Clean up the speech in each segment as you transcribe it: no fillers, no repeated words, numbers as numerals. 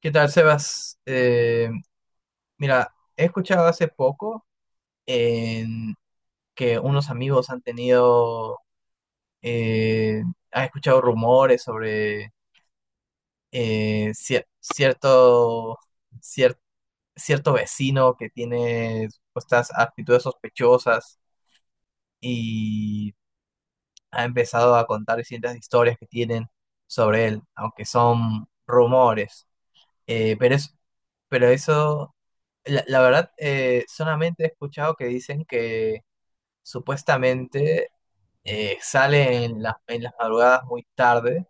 ¿Qué tal, Sebas? Mira, he escuchado hace poco en que unos amigos han tenido, eh, han escuchado rumores sobre eh, cier- cierto, cier- cierto vecino que tiene estas actitudes sospechosas y ha empezado a contar distintas historias que tienen sobre él, aunque son rumores. Eh, pero, es, pero eso, la verdad, solamente he escuchado que dicen que supuestamente sale en en las madrugadas muy tarde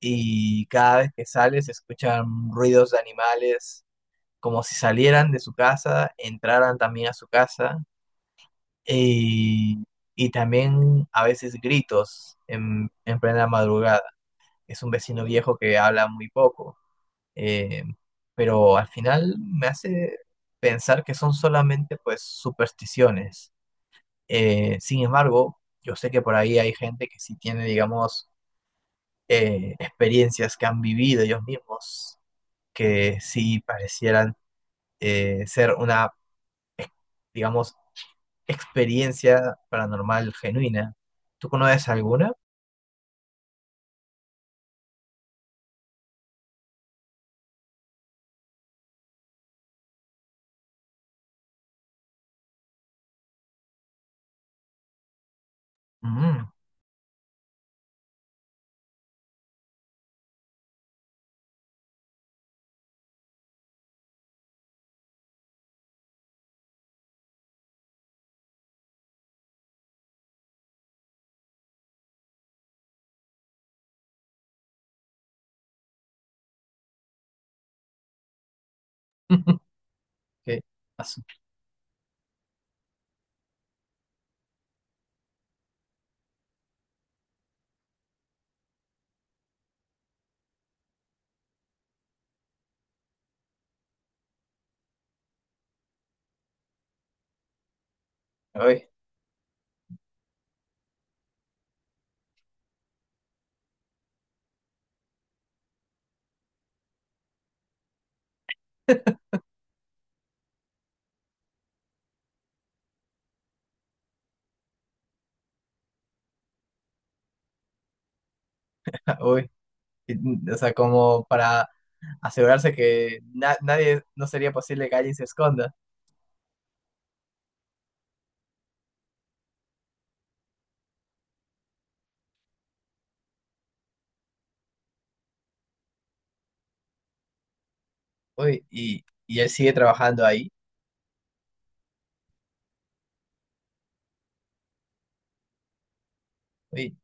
y cada vez que sale se escuchan ruidos de animales como si salieran de su casa, entraran también a su casa y, y también a veces gritos en plena madrugada. Es un vecino viejo que habla muy poco. Eh, pero al final me hace pensar que son solamente pues supersticiones. Sin embargo, yo sé que por ahí hay gente que sí tiene, digamos, experiencias que han vivido ellos mismos, que sí parecieran ser una, ex- digamos, experiencia paranormal genuina. ¿Tú conoces alguna? Mm. Qué asu- Uy, uy. Y, o sea, como para asegurarse que nadie, no sería posible que alguien se esconda. Uy, y él sigue trabajando ahí. Uy,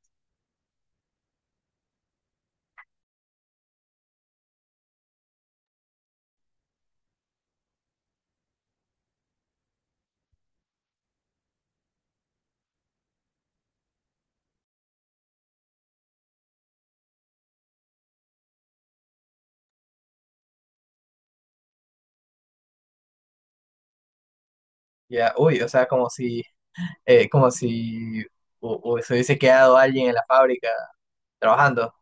ya, uy, o sea, como si se hubiese quedado alguien en la fábrica trabajando.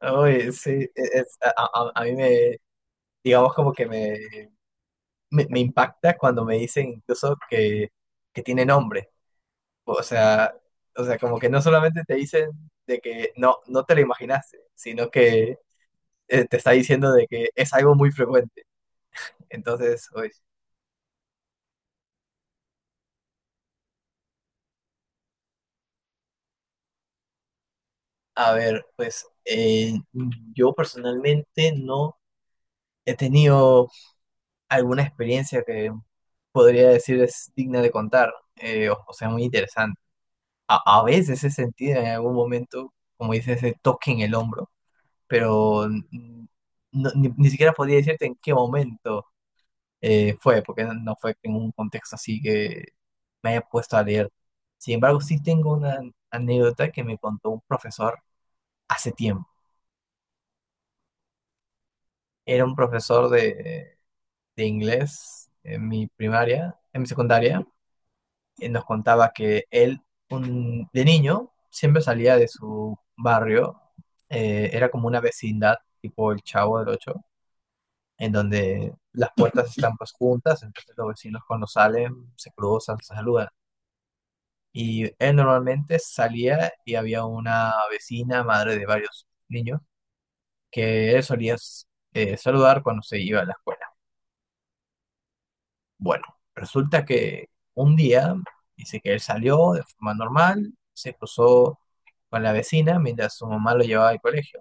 Uy, sí, es, a mí me, digamos como que me impacta cuando me dicen incluso que tiene nombre. O sea, o sea, como que no solamente te dicen de que no, no te lo imaginaste, sino que te está diciendo de que es algo muy frecuente. Entonces, pues, a ver, pues yo personalmente no he tenido alguna experiencia que podría decir es digna de contar, o sea, muy interesante. A veces he sentido en algún momento, como dices, ese toque en el hombro, pero ni siquiera podría decirte en qué momento fue, porque no fue en un contexto así que me haya puesto a leer. Sin embargo, sí tengo una anécdota que me contó un profesor hace tiempo. Era un profesor de inglés en mi primaria, en mi secundaria, y nos contaba que él, un, de niño, siempre salía de su barrio, era como una vecindad, tipo el Chavo del Ocho, en donde las puertas están pues juntas, entonces los vecinos cuando salen se cruzan, se saludan. Y él normalmente salía y había una vecina, madre de varios niños, que él solía saludar cuando se iba a la escuela. Bueno, resulta que un día, dice que él salió de forma normal, se cruzó con la vecina mientras su mamá lo llevaba al colegio.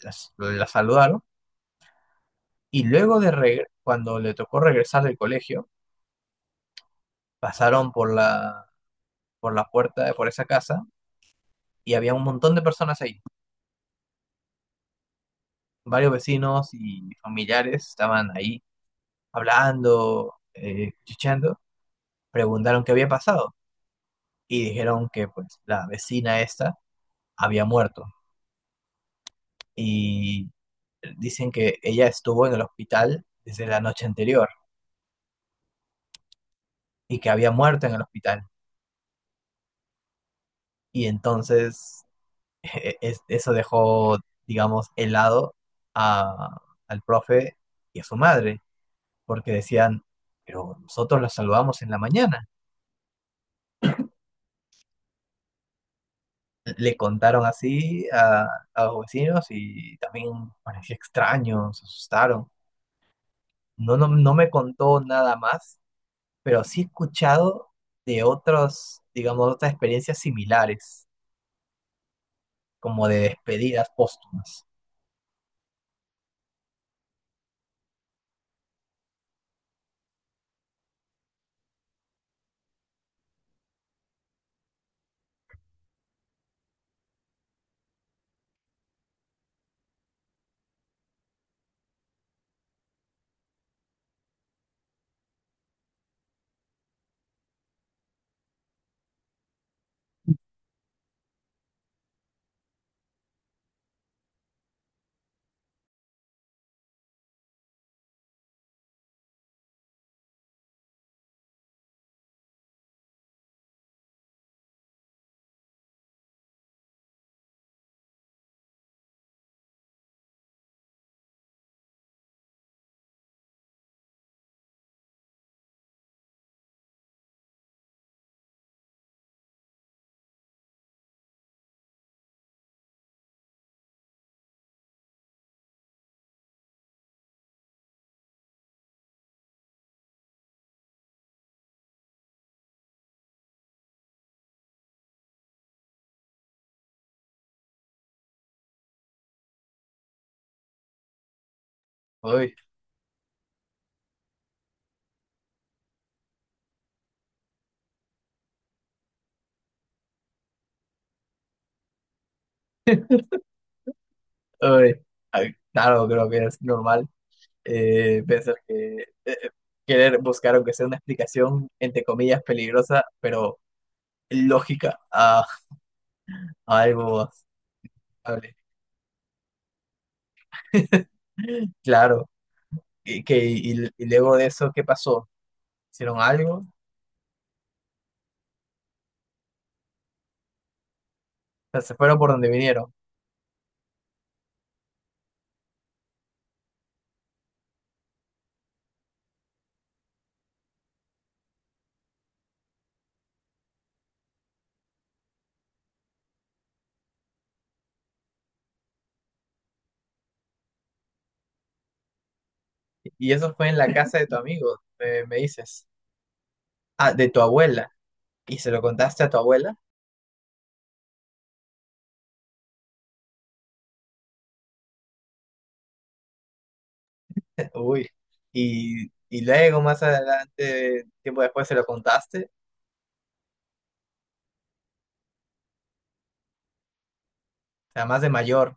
La saludaron y luego de cuando le tocó regresar del colegio, pasaron por por la puerta de por esa casa y había un montón de personas ahí. Varios vecinos y familiares estaban ahí hablando, chichando, preguntaron qué había pasado y dijeron que pues la vecina esta había muerto y dicen que ella estuvo en el hospital desde la noche anterior y que había muerto en el hospital y entonces eso dejó, digamos, helado a, al profe y a su madre porque decían, pero nosotros la saludamos en la mañana, le contaron así a los vecinos y también parecía extraño, se asustaron. No, no, no me contó nada más, pero sí he escuchado de otros, digamos, otras experiencias similares, como de despedidas póstumas. Uy, uy, ay, claro, creo que es normal pensar que eh, eh, querer buscar, aunque sea una explicación, entre comillas, peligrosa, pero lógica a algo. Aceptable. Claro. Y y luego de eso, ¿qué pasó? ¿Hicieron algo? O sea, se fueron por donde vinieron. Y eso fue en la casa de tu amigo, me dices. Ah, de tu abuela. ¿Y se lo contaste a tu abuela? Uy. Y luego, más adelante, tiempo después, se lo contaste. O sea, más de mayor.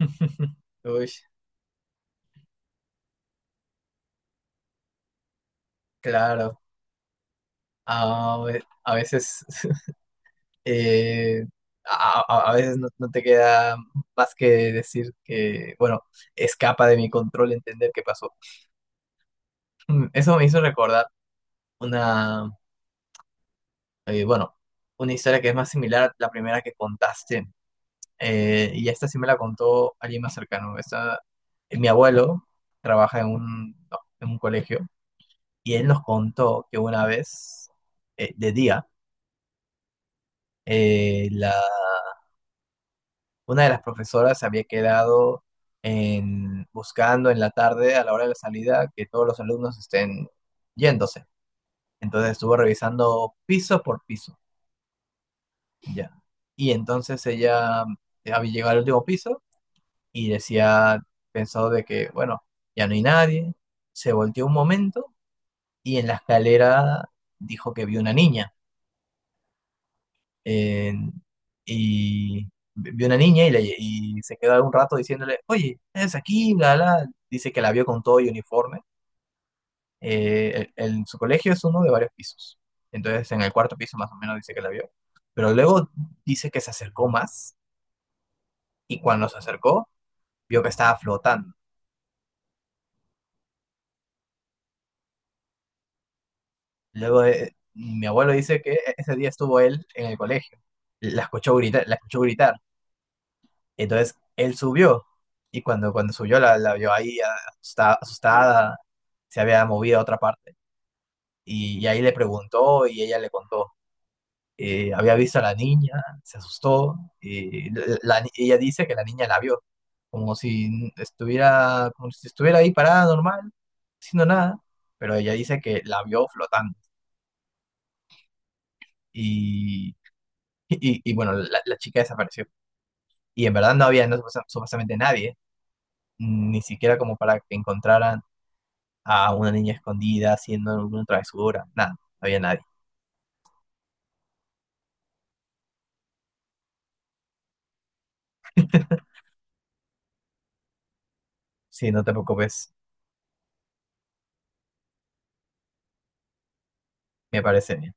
Uy, claro. A veces, eh, a, a veces no, no te queda más que decir que, bueno, escapa de mi control entender qué pasó. Eso me hizo recordar. Una, bueno, una historia que es más similar a la primera que contaste. Y esta sí me la contó alguien más cercano. Esta, mi abuelo trabaja en un, no, en un colegio y él nos contó que una vez, de día, eh, la, una de las profesoras se había quedado en, buscando en la tarde, a la hora de la salida, que todos los alumnos estén yéndose. Entonces estuvo revisando piso por piso. Ya. Y entonces ella había llegado al último piso y decía, pensó de que, bueno, ya no hay nadie. Se volteó un momento y en la escalera dijo que vio una niña. En- y vio una niña y, y se quedó un rato diciéndole, oye, es aquí, bla, bla. Dice que la vio con todo y uniforme. Su colegio es uno de varios pisos. Entonces en el cuarto piso más o menos dice que la vio. Pero luego dice que se acercó más y cuando se acercó vio que estaba flotando. Luego mi abuelo dice que ese día estuvo él en el colegio. La escuchó gritar, la escuchó gritar. Entonces él subió y cuando subió la vio ahí asustada, asustada, se había movido a otra parte. Y ahí le preguntó y ella le contó. Había visto a la niña, se asustó y la- la ella dice que la niña la vio, como si estuviera ahí parada normal, haciendo nada, pero ella dice que la vio flotando. y, y bueno, la chica desapareció. Y en verdad no había no, supuestamente nadie, ni siquiera como para que encontraran a una niña escondida haciendo alguna travesura, nada, no había nadie. Sí, no te preocupes, me parece bien.